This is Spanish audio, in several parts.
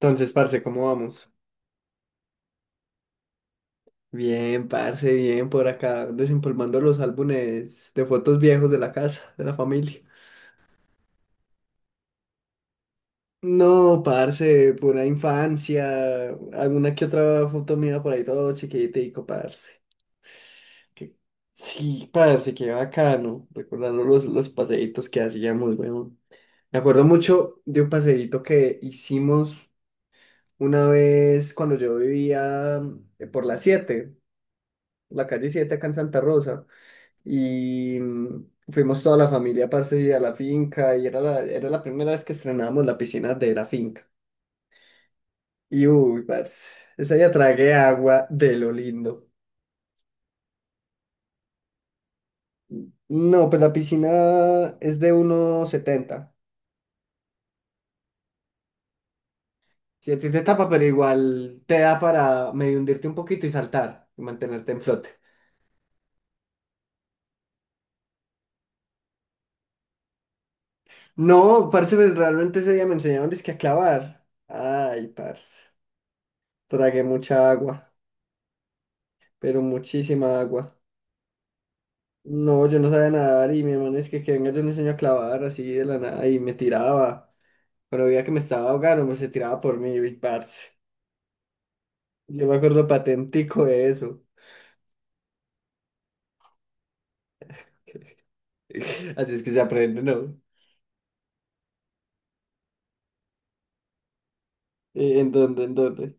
Entonces, parce, ¿cómo vamos? Bien, parce, bien, por acá, desempolvando los álbumes de fotos viejos de la casa, de la familia. No, parce, pura infancia, alguna que otra foto mía por ahí todo chiquitico, parce. Que- Sí, parce, qué bacano, recordando los paseitos que hacíamos, weón. Me acuerdo mucho de un paseíto que hicimos una vez cuando yo vivía por la 7, la calle 7 acá en Santa Rosa. Y fuimos toda la familia, parce, y a la finca. Y era era la primera vez que estrenábamos la piscina de la finca. Y uy, parce, esa ya tragué agua de lo lindo. No, pues la piscina es de 1,70. Si a ti te tapa, pero igual te da para medio hundirte un poquito y saltar y mantenerte en flote. No, parce, pues realmente ese día me enseñaron dizque a clavar. Ay, parce, tragué mucha agua, pero muchísima agua. No, yo no sabía nadar y mi hermano es que venga, yo le enseño a clavar así de la nada y me tiraba. Cuando veía que me estaba ahogando, me se tiraba por mí, y parce. Yo me acuerdo patentico de eso. Así es que se aprende, ¿no? ¿En dónde? ¿En dónde?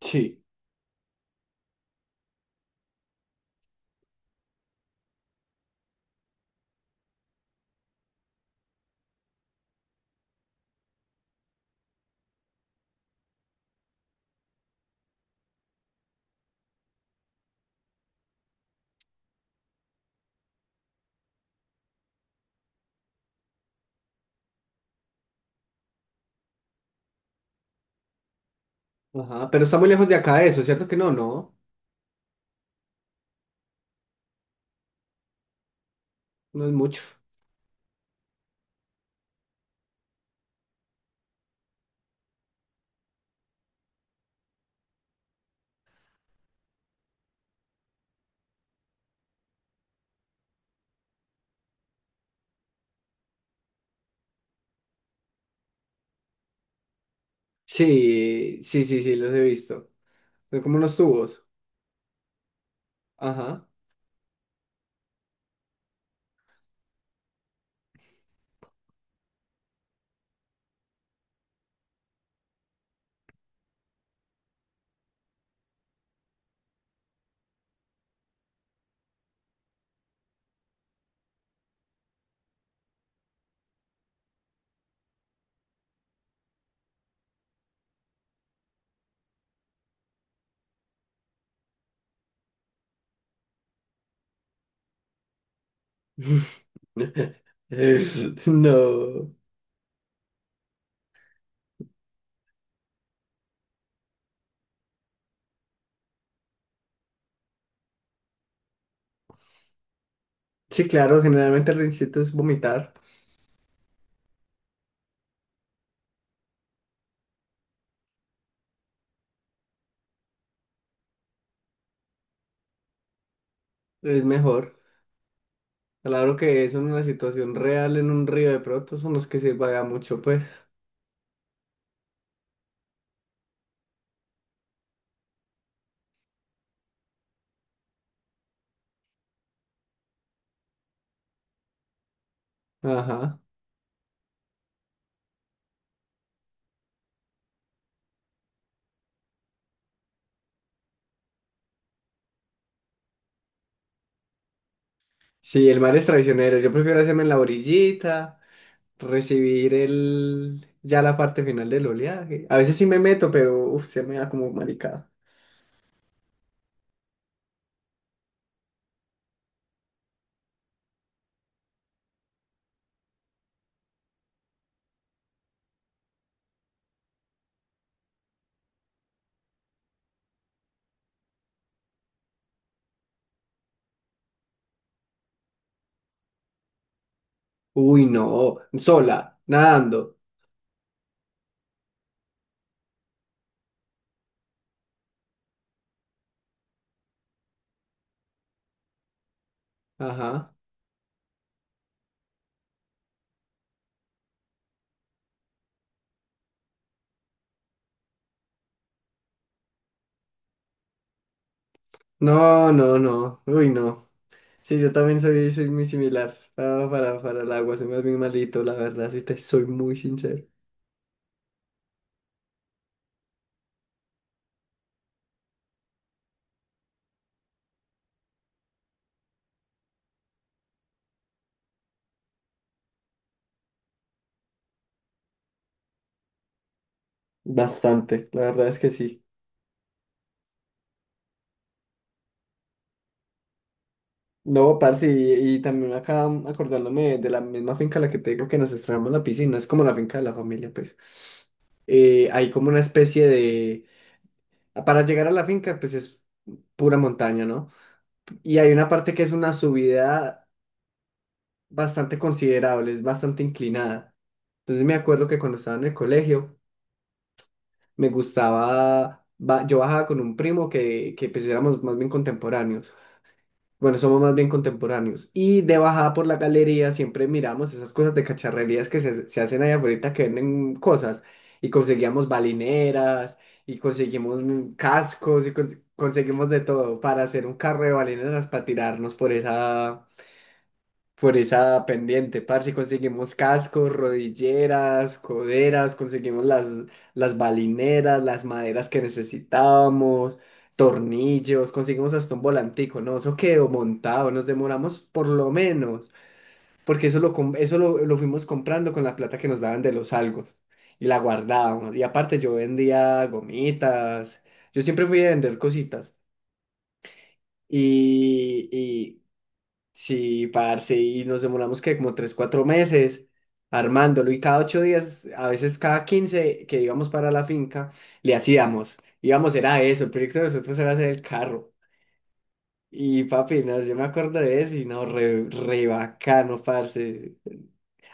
Sí. Ajá, pero está muy lejos de acá eso, ¿cierto que no? No, no es mucho. Sí, sí, sí, sí, los he visto. Son como unos tubos. Ajá. No. Sí, claro, generalmente el rincito es vomitar. Es mejor. Claro que eso en una situación real, en un río de pronto, son los que se paga mucho, pues. Ajá. Sí, el mar es traicionero. Yo prefiero hacerme en la orillita, recibir ya la parte final del oleaje. A veces sí me meto, pero uf, se me da como maricada. Uy, no. Sola, nadando. Ajá. No, no, no. Uy, no. Sí, yo también soy, soy muy similar para el agua. Soy más bien malito, la verdad. Sí, te soy muy sincero. Bastante, la verdad es que sí. No, parce, y también acá acordándome de la misma finca a la que te digo que nos estrenamos la piscina, es como la finca de la familia, pues. Hay como una especie de... Para llegar a la finca, pues es pura montaña, ¿no? Y hay una parte que es una subida bastante considerable, es bastante inclinada. Entonces me acuerdo que cuando estaba en el colegio, me gustaba, yo bajaba con un primo que pues éramos más bien contemporáneos. Bueno, somos más bien contemporáneos. Y de bajada por la galería siempre miramos esas cosas de cacharrerías que se hacen allá afuera que venden cosas. Y conseguíamos balineras, y conseguimos cascos, y conseguimos de todo para hacer un carro de balineras para tirarnos por esa pendiente, parce, conseguimos cascos, rodilleras, coderas, conseguimos las balineras, las maderas que necesitábamos, tornillos, conseguimos hasta un volantico, ¿no? Eso quedó montado, nos demoramos por lo menos, porque eso lo fuimos comprando con la plata que nos daban de los algos y la guardábamos. Y aparte yo vendía gomitas, yo siempre fui a vender cositas. Y, Sí, parce, y nos demoramos que como 3, 4 meses armándolo y cada 8 días, a veces cada 15 que íbamos para la finca, le hacíamos, íbamos, era eso, el proyecto de nosotros era hacer el carro. Y papi, no, yo me acuerdo de eso y no, re, re bacano, parce.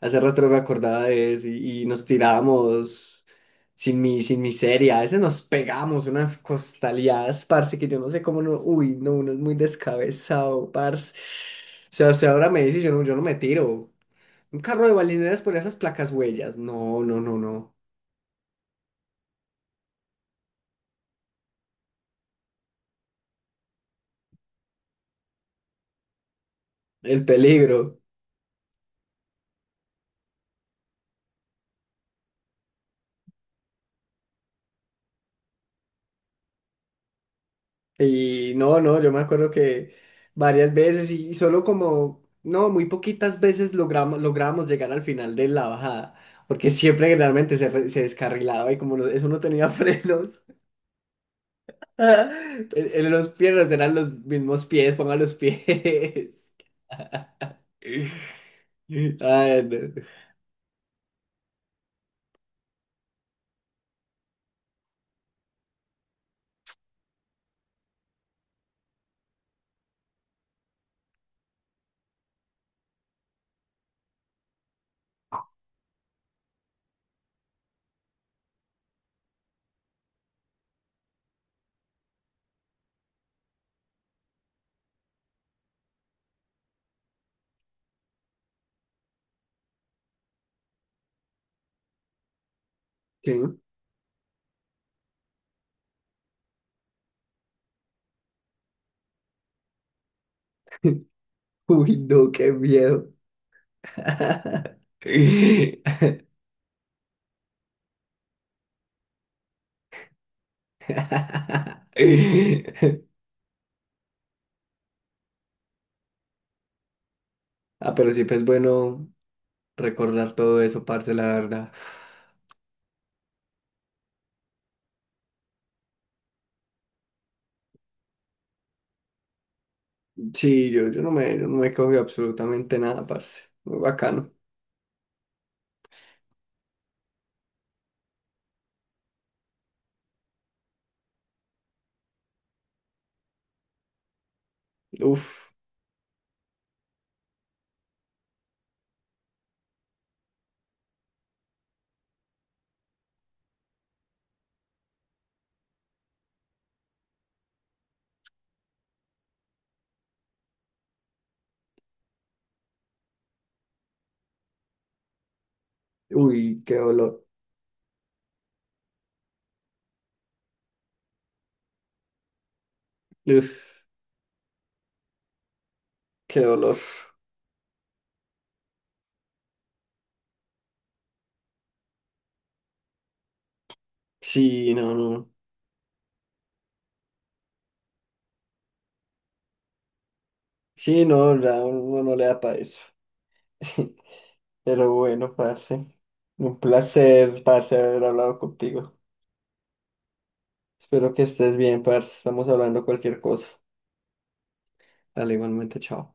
Hace rato no me acordaba de eso y nos tiramos sin miseria. A veces nos pegamos unas costaleadas, parce, que yo no sé cómo no. Uy, no, uno es muy descabezado, parce. O sea, ahora me dice, yo no me tiro. Un carro de balineras por esas placas huellas. No, no, no, no. El peligro. Y no, no, yo me acuerdo que varias veces y solo como, no, muy poquitas veces logramos, logramos llegar al final de la bajada, porque siempre generalmente se descarrilaba y como eso no tenía frenos, en los piernas eran los mismos pies, pongan los pies. Ay, no. Sí. Uy, no, qué miedo. Ah, pero siempre es bueno recordar todo eso, parce, la verdad. Sí, yo no me cogí absolutamente nada, parce. Muy bacano. Uf, uy, qué dolor. Uf, qué dolor. Sí, no, no. Sí, no, ya uno no le da para eso. Pero bueno, parce. Un placer, parce, haber hablado contigo. Espero que estés bien, parce. Estamos hablando cualquier cosa. Dale, igualmente, chao.